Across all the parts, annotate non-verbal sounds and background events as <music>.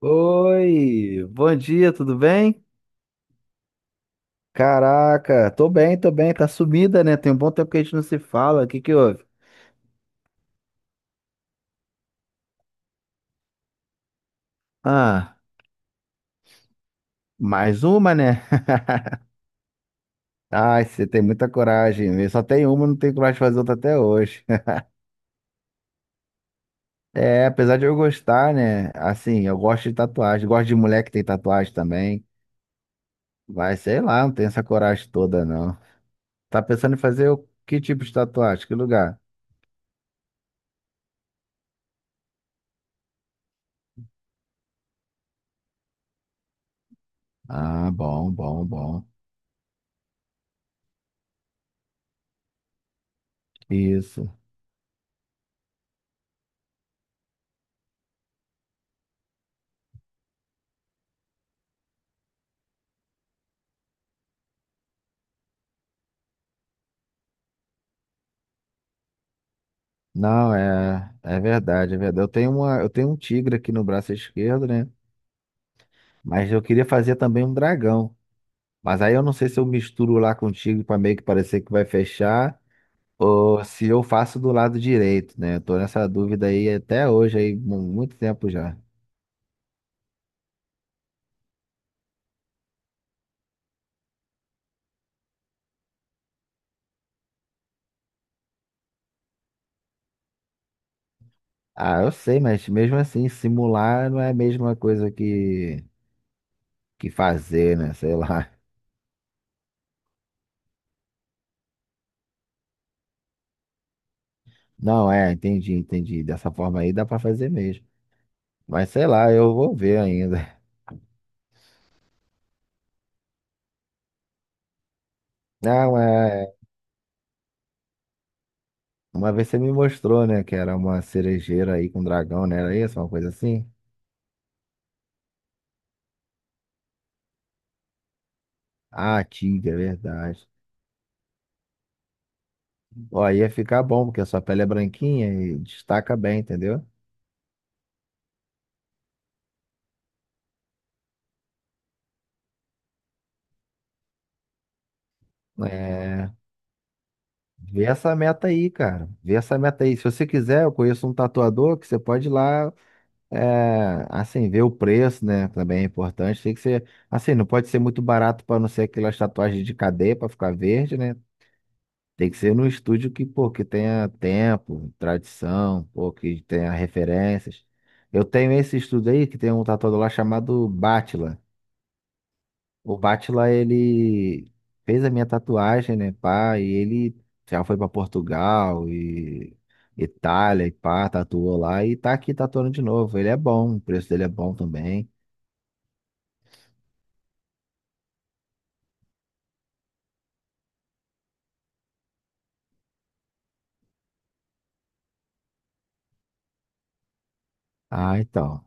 Oi, bom dia, tudo bem? Caraca, tô bem, tá sumida, né? Tem um bom tempo que a gente não se fala. O que que houve? Ah, mais uma, né? <laughs> Ai, você tem muita coragem. Eu só tenho uma, não tenho coragem de fazer outra até hoje. <laughs> É, apesar de eu gostar, né? Assim, eu gosto de tatuagem, gosto de mulher que tem tatuagem também. Mas sei lá, não tenho essa coragem toda, não. Tá pensando em fazer o que tipo de tatuagem? Que lugar? Ah, bom, bom, bom. Isso. Não, é verdade, é verdade. Eu tenho uma, eu tenho um tigre aqui no braço esquerdo, né? Mas eu queria fazer também um dragão. Mas aí eu não sei se eu misturo lá com o tigre para meio que parecer que vai fechar, ou se eu faço do lado direito, né? Eu tô nessa dúvida aí até hoje, aí, muito tempo já. Ah, eu sei, mas mesmo assim, simular não é a mesma coisa que fazer, né? Sei lá. Não, é, entendi, entendi. Dessa forma aí dá para fazer mesmo. Mas sei lá, eu vou ver ainda. Não, é. Uma vez você me mostrou, né, que era uma cerejeira aí com dragão, né? Era isso, uma coisa assim? Ah, tigre, é verdade. Ó, aí ia ficar bom, porque a sua pele é branquinha e destaca bem, entendeu? É, vê essa meta aí, cara. Vê essa meta aí. Se você quiser, eu conheço um tatuador que você pode ir lá, é, assim, ver o preço, né? Também é importante. Tem que ser, assim, não pode ser muito barato para não ser aquelas tatuagens de cadeia para ficar verde, né? Tem que ser num estúdio que, pô, que tenha tempo, tradição, pô, que tenha referências. Eu tenho esse estúdio aí que tem um tatuador lá chamado Batila. O Batila, ele fez a minha tatuagem, né, pá, e ele já foi pra Portugal e Itália e pá, tatuou lá e tá aqui tatuando de novo. Ele é bom, o preço dele é bom também. Ah, então.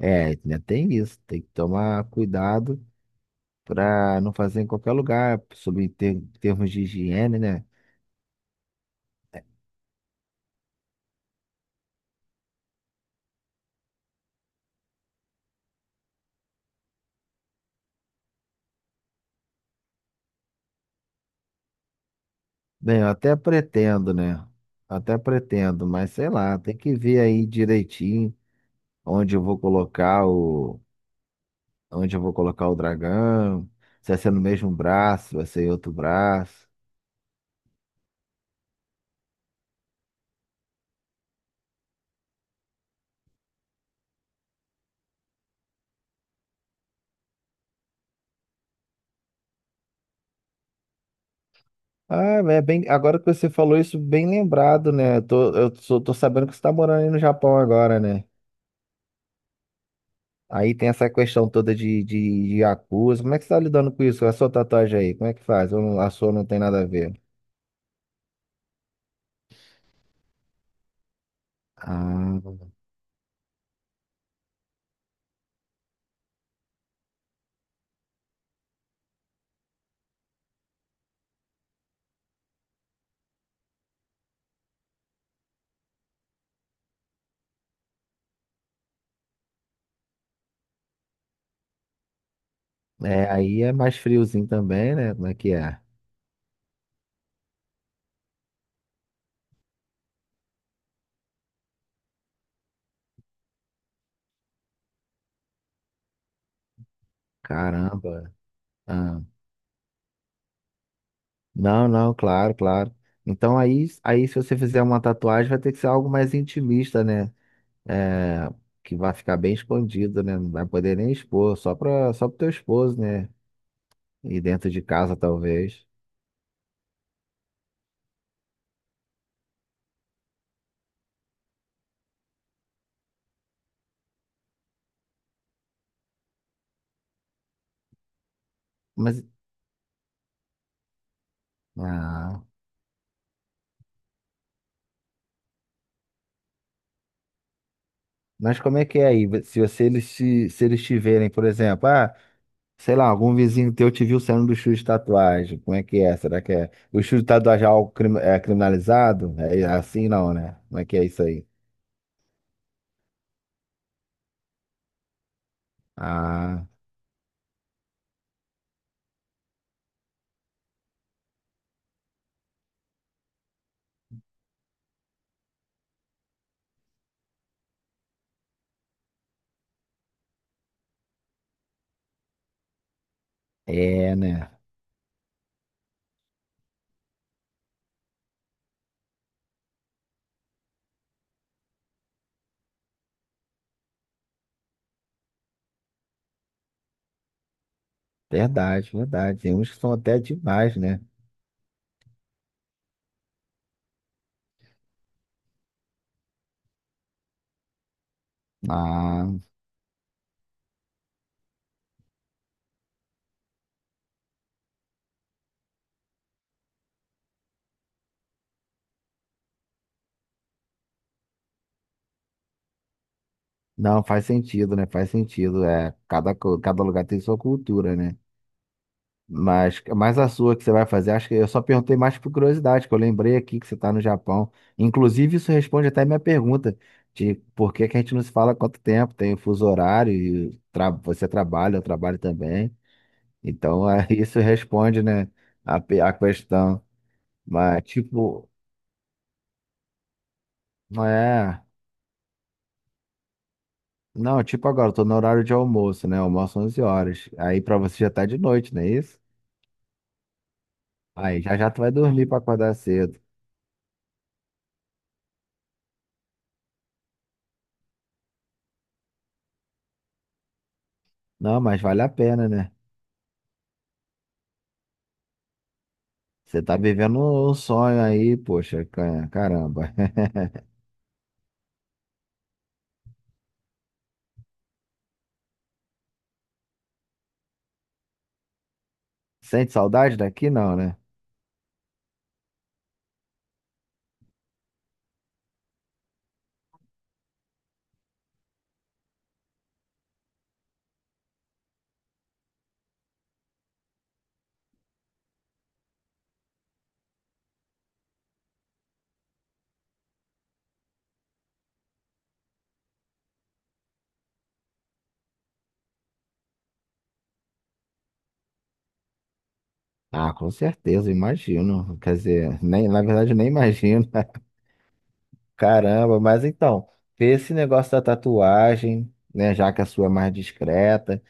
É, ainda tem isso, tem que tomar cuidado para não fazer em qualquer lugar, sobre ter, termos de higiene, né? Bem, eu até pretendo, né? Até pretendo, mas sei lá, tem que ver aí direitinho onde eu vou colocar o, onde eu vou colocar o dragão, se vai ser no mesmo braço, vai ser em outro braço. Ah, é bem, agora que você falou isso, bem lembrado, né? Eu tô, tô sabendo que você tá morando aí no Japão agora, né? Aí tem essa questão toda de, de, acusa. Como é que você tá lidando com isso? A sua tatuagem aí, como é que faz? Ou não, a sua não tem nada a ver? Ah, é, aí é mais friozinho também, né? Como é que é? Caramba. Ah, não, não, claro, claro. Então aí, aí se você fizer uma tatuagem, vai ter que ser algo mais intimista, né? É, que vai ficar bem escondido, né? Não vai poder nem expor, só pro teu esposo, né? E dentro de casa, talvez. Mas, ah. Mas como é que é aí? Se você, eles te, se eles te verem, por exemplo, ah, sei lá, algum vizinho teu te viu saindo do estúdio de tatuagem, como é que é? Será que é? O estúdio de tatuagem é algo é criminalizado? É assim não, né? Como é que é isso aí? Ah, é, né? Verdade, verdade. Tem uns que são até demais, né? Ah, não, faz sentido, né? Faz sentido. É, cada, cada lugar tem sua cultura, né? Mas a sua que você vai fazer, acho que eu só perguntei mais por curiosidade, que eu lembrei aqui que você está no Japão. Inclusive, isso responde até a minha pergunta de por que que a gente não se fala há quanto tempo, tem o fuso horário, e você trabalha, eu trabalho também. Então, é, <laughs> isso responde, né, a, a questão. Mas, tipo, não é. Não, tipo agora, eu tô no horário de almoço, né? Almoço 11h. Aí para você já tá de noite, não é isso? Aí já já tu vai dormir para acordar cedo. Não, mas vale a pena, né? Você tá vivendo um sonho aí, poxa, caramba. <laughs> Sente saudade daqui? Não, né? Ah, com certeza, imagino. Quer dizer, nem, na verdade, nem imagino. <laughs> Caramba, mas então, vê esse negócio da tatuagem, né? Já que a sua é mais discreta.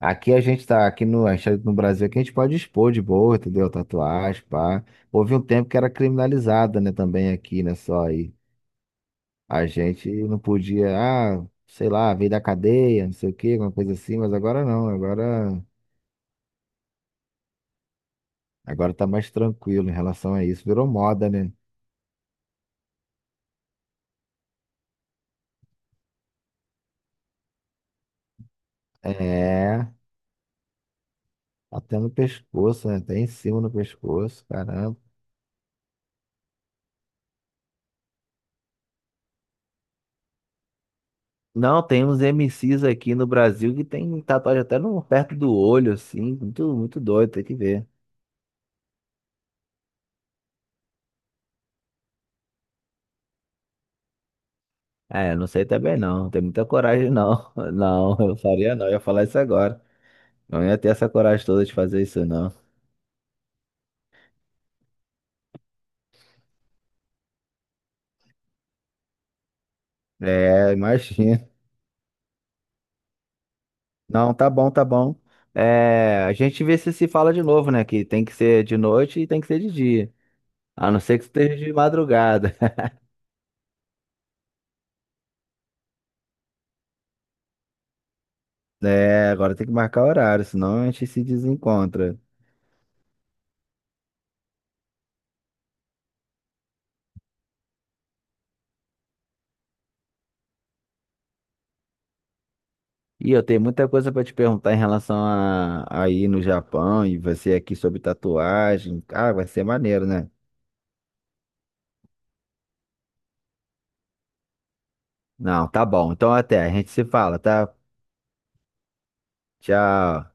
Aqui a gente tá, aqui no, a gente tá no Brasil, aqui a gente pode expor de boa, entendeu? Tatuagem, pá. Houve um tempo que era criminalizada, né? Também aqui, né? Só aí. A gente não podia, ah, sei lá, veio da cadeia, não sei o quê, alguma coisa assim, mas agora não, agora tá mais tranquilo em relação a isso. Virou moda, né? É, até no pescoço, né? Até em cima no pescoço, caramba. Não, tem uns MCs aqui no Brasil que tem tatuagem até no, perto do olho, assim, muito, muito doido, tem que ver. É, não sei também não, não tem muita coragem não. <laughs> Não, eu faria não, eu ia falar isso agora. Não ia ter essa coragem toda de fazer isso não. É, imagina. Não, tá bom, tá bom. É, a gente vê se se fala de novo, né? Que tem que ser de noite e tem que ser de dia. A não ser que esteja de madrugada. <laughs> É, agora tem que marcar horário, senão a gente se desencontra. E eu tenho muita coisa pra te perguntar em relação a ir no Japão e você aqui sobre tatuagem. Ah, vai ser maneiro, né? Não, tá bom. Então até, a gente se fala, tá? Tchau.